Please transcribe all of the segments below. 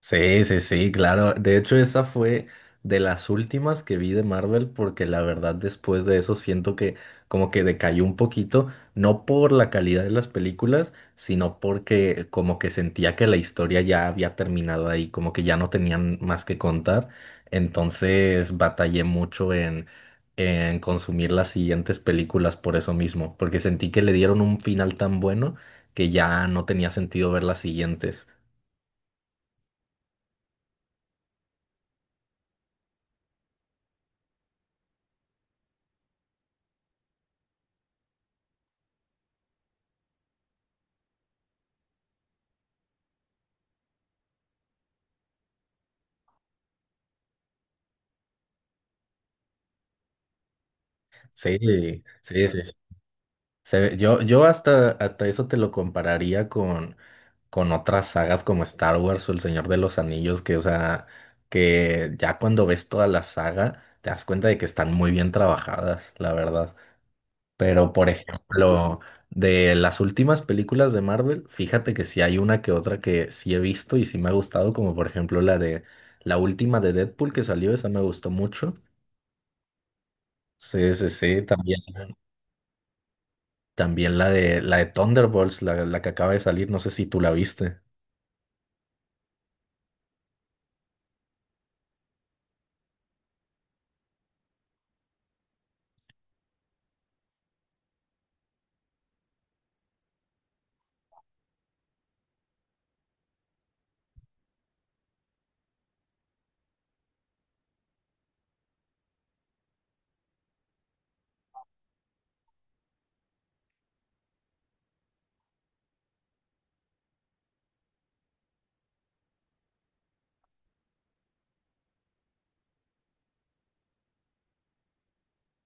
Sí, sí, sí, claro. De hecho, esa fue de las últimas que vi de Marvel porque la verdad después de eso siento que como que decayó un poquito, no por la calidad de las películas, sino porque como que sentía que la historia ya había terminado ahí, como que ya no tenían más que contar. Entonces batallé mucho en consumir las siguientes películas por eso mismo, porque sentí que le dieron un final tan bueno que ya no tenía sentido ver las siguientes. Sí, sí, sí, sí. Yo hasta eso te lo compararía con otras sagas como Star Wars o El Señor de los Anillos, que, o sea, que ya cuando ves toda la saga te das cuenta de que están muy bien trabajadas, la verdad. Pero, por ejemplo, de las últimas películas de Marvel, fíjate que sí hay una que otra que sí he visto y sí me ha gustado, como por ejemplo la última de Deadpool que salió, esa me gustó mucho. Sí, sí, sí, también. También la de Thunderbolts, la que acaba de salir, no sé si tú la viste.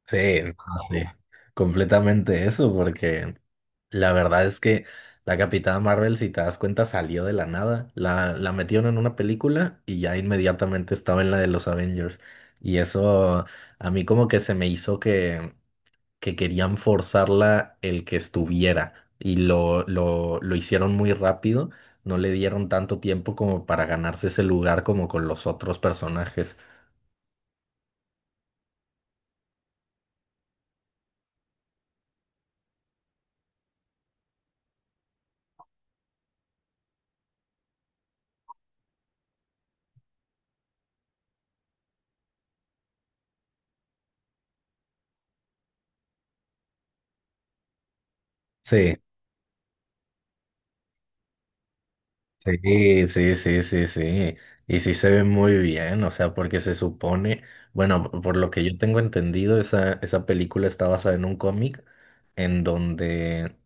Sí, no, sí, completamente eso, porque la verdad es que la Capitana Marvel, si te das cuenta, salió de la nada. La metieron en una película y ya inmediatamente estaba en la de los Avengers. Y eso a mí como que se me hizo que querían forzarla el que estuviera y lo hicieron muy rápido, no le dieron tanto tiempo como para ganarse ese lugar como con los otros personajes. Sí. Sí, sí, sí, sí, sí. Y sí se ve muy bien, o sea, porque se supone, bueno, por lo que yo tengo entendido, esa película está basada en un cómic en donde,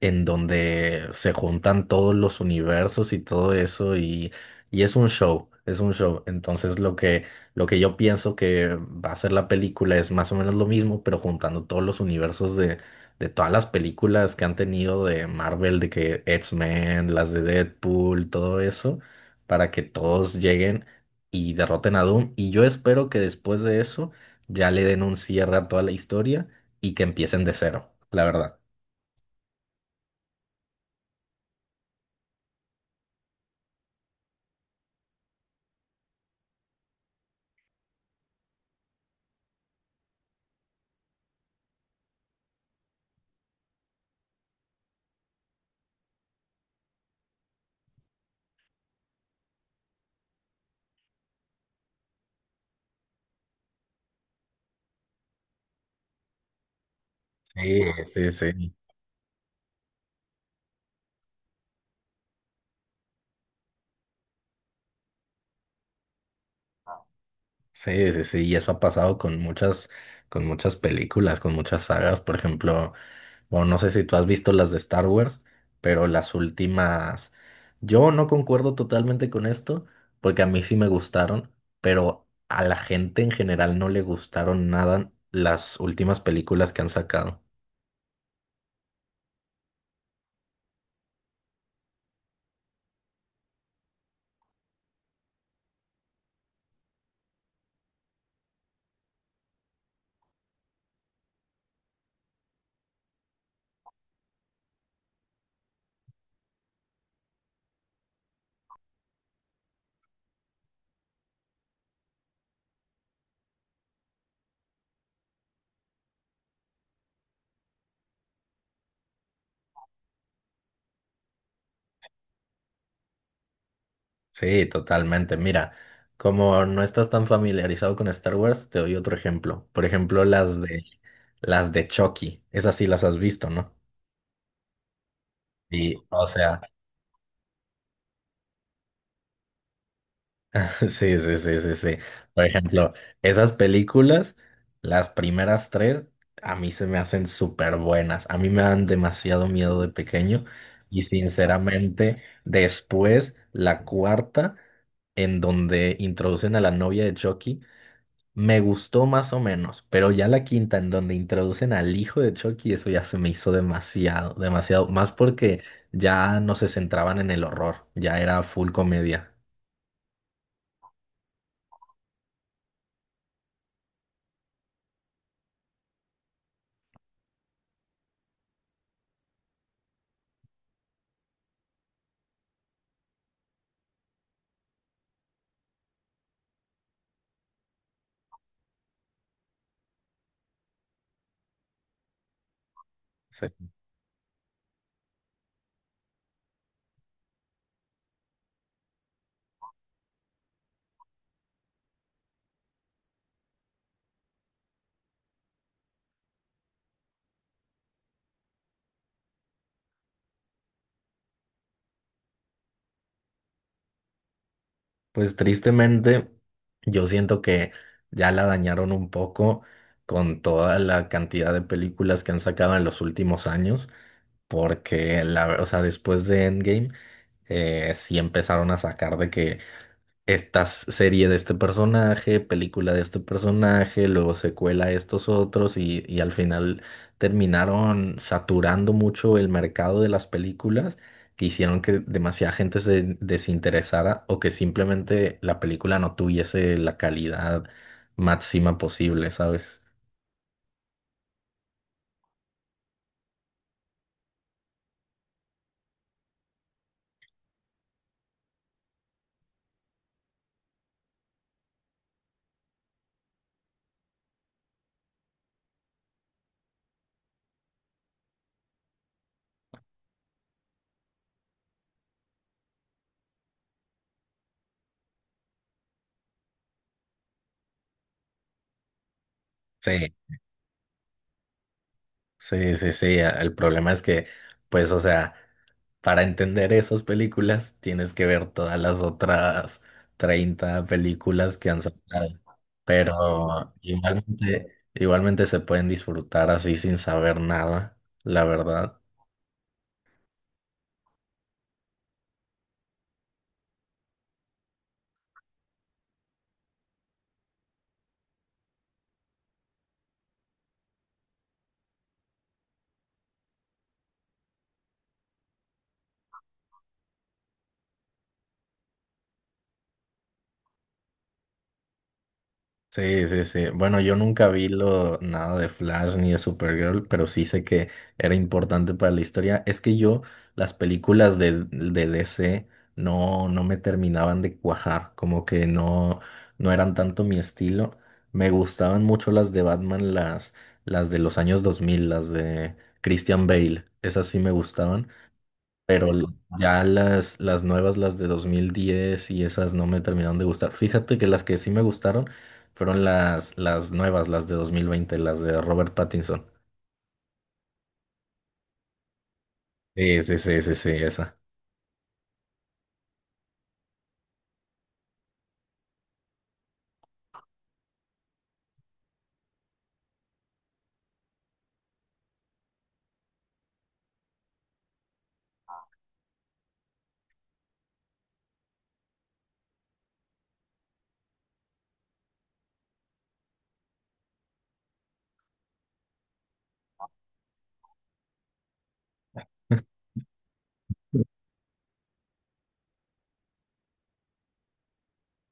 en donde se juntan todos los universos y todo eso, y es un show, es un show. Entonces lo que yo pienso que va a ser la película es más o menos lo mismo, pero juntando todos los universos de todas las películas que han tenido de Marvel, de que X-Men, las de Deadpool, todo eso, para que todos lleguen y derroten a Doom. Y yo espero que después de eso ya le den un cierre a toda la historia y que empiecen de cero, la verdad. Sí, sí, sí. Sí, sí, sí, y eso ha pasado con muchas películas, con muchas sagas, por ejemplo, bueno, no sé si tú has visto las de Star Wars, pero las últimas, yo no concuerdo totalmente con esto, porque a mí sí me gustaron, pero a la gente en general no le gustaron nada las últimas películas que han sacado. Sí, totalmente. Mira, como no estás tan familiarizado con Star Wars, te doy otro ejemplo. Por ejemplo, las de Chucky, esas sí las has visto, ¿no? Sí, o sea, sí, sí, sí, sí, sí. Por ejemplo, esas películas, las primeras tres, a mí se me hacen súper buenas. A mí me dan demasiado miedo de pequeño y sinceramente, después, la cuarta, en donde introducen a la novia de Chucky, me gustó más o menos, pero ya la quinta, en donde introducen al hijo de Chucky, eso ya se me hizo demasiado, demasiado, más porque ya no se centraban en el horror, ya era full comedia. Pues tristemente, yo siento que ya la dañaron un poco con toda la cantidad de películas que han sacado en los últimos años, porque la, o sea, después de Endgame, sí empezaron a sacar de que esta serie de este personaje, película de este personaje, luego secuela de estos otros y al final terminaron saturando mucho el mercado de las películas que hicieron que demasiada gente se desinteresara o que simplemente la película no tuviese la calidad máxima posible, ¿sabes? Sí, sí, sí, sí. El problema es que, pues, o sea... para entender esas películas, tienes que ver todas las otras 30 películas que han sacado. Pero igualmente, igualmente se pueden disfrutar así sin saber nada, la verdad. Sí, sí, sí. Bueno, yo nunca vi lo, nada de Flash ni de Supergirl, pero sí sé que era importante para la historia. Es que yo, las películas de DC no me terminaban de cuajar, como que no eran tanto mi estilo. Me gustaban mucho las de Batman, las de los años 2000, las de Christian Bale, esas sí me gustaban, pero l- ya las nuevas, las de 2010 y esas no me terminaron de gustar. Fíjate que las que sí me gustaron fueron las nuevas, las de 2020, las de Robert Pattinson. Sí, sí, sí, sí, sí, esa.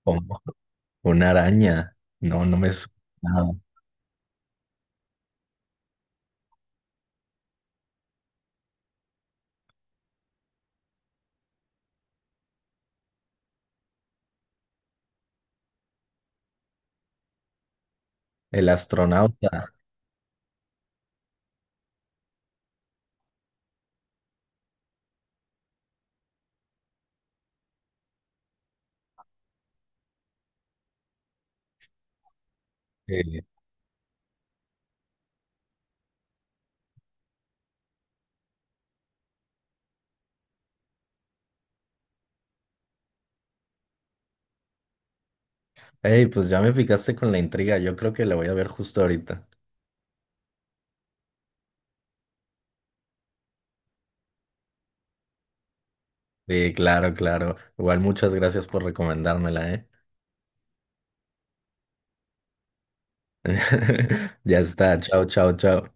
Como una araña. No, no me suena. El astronauta. Eh, Ey, pues ya me picaste con la intriga. Yo creo que la voy a ver justo ahorita. Sí, claro, claro. Igual muchas gracias por recomendármela, ¿eh? Ya está. Chao, chao, chao.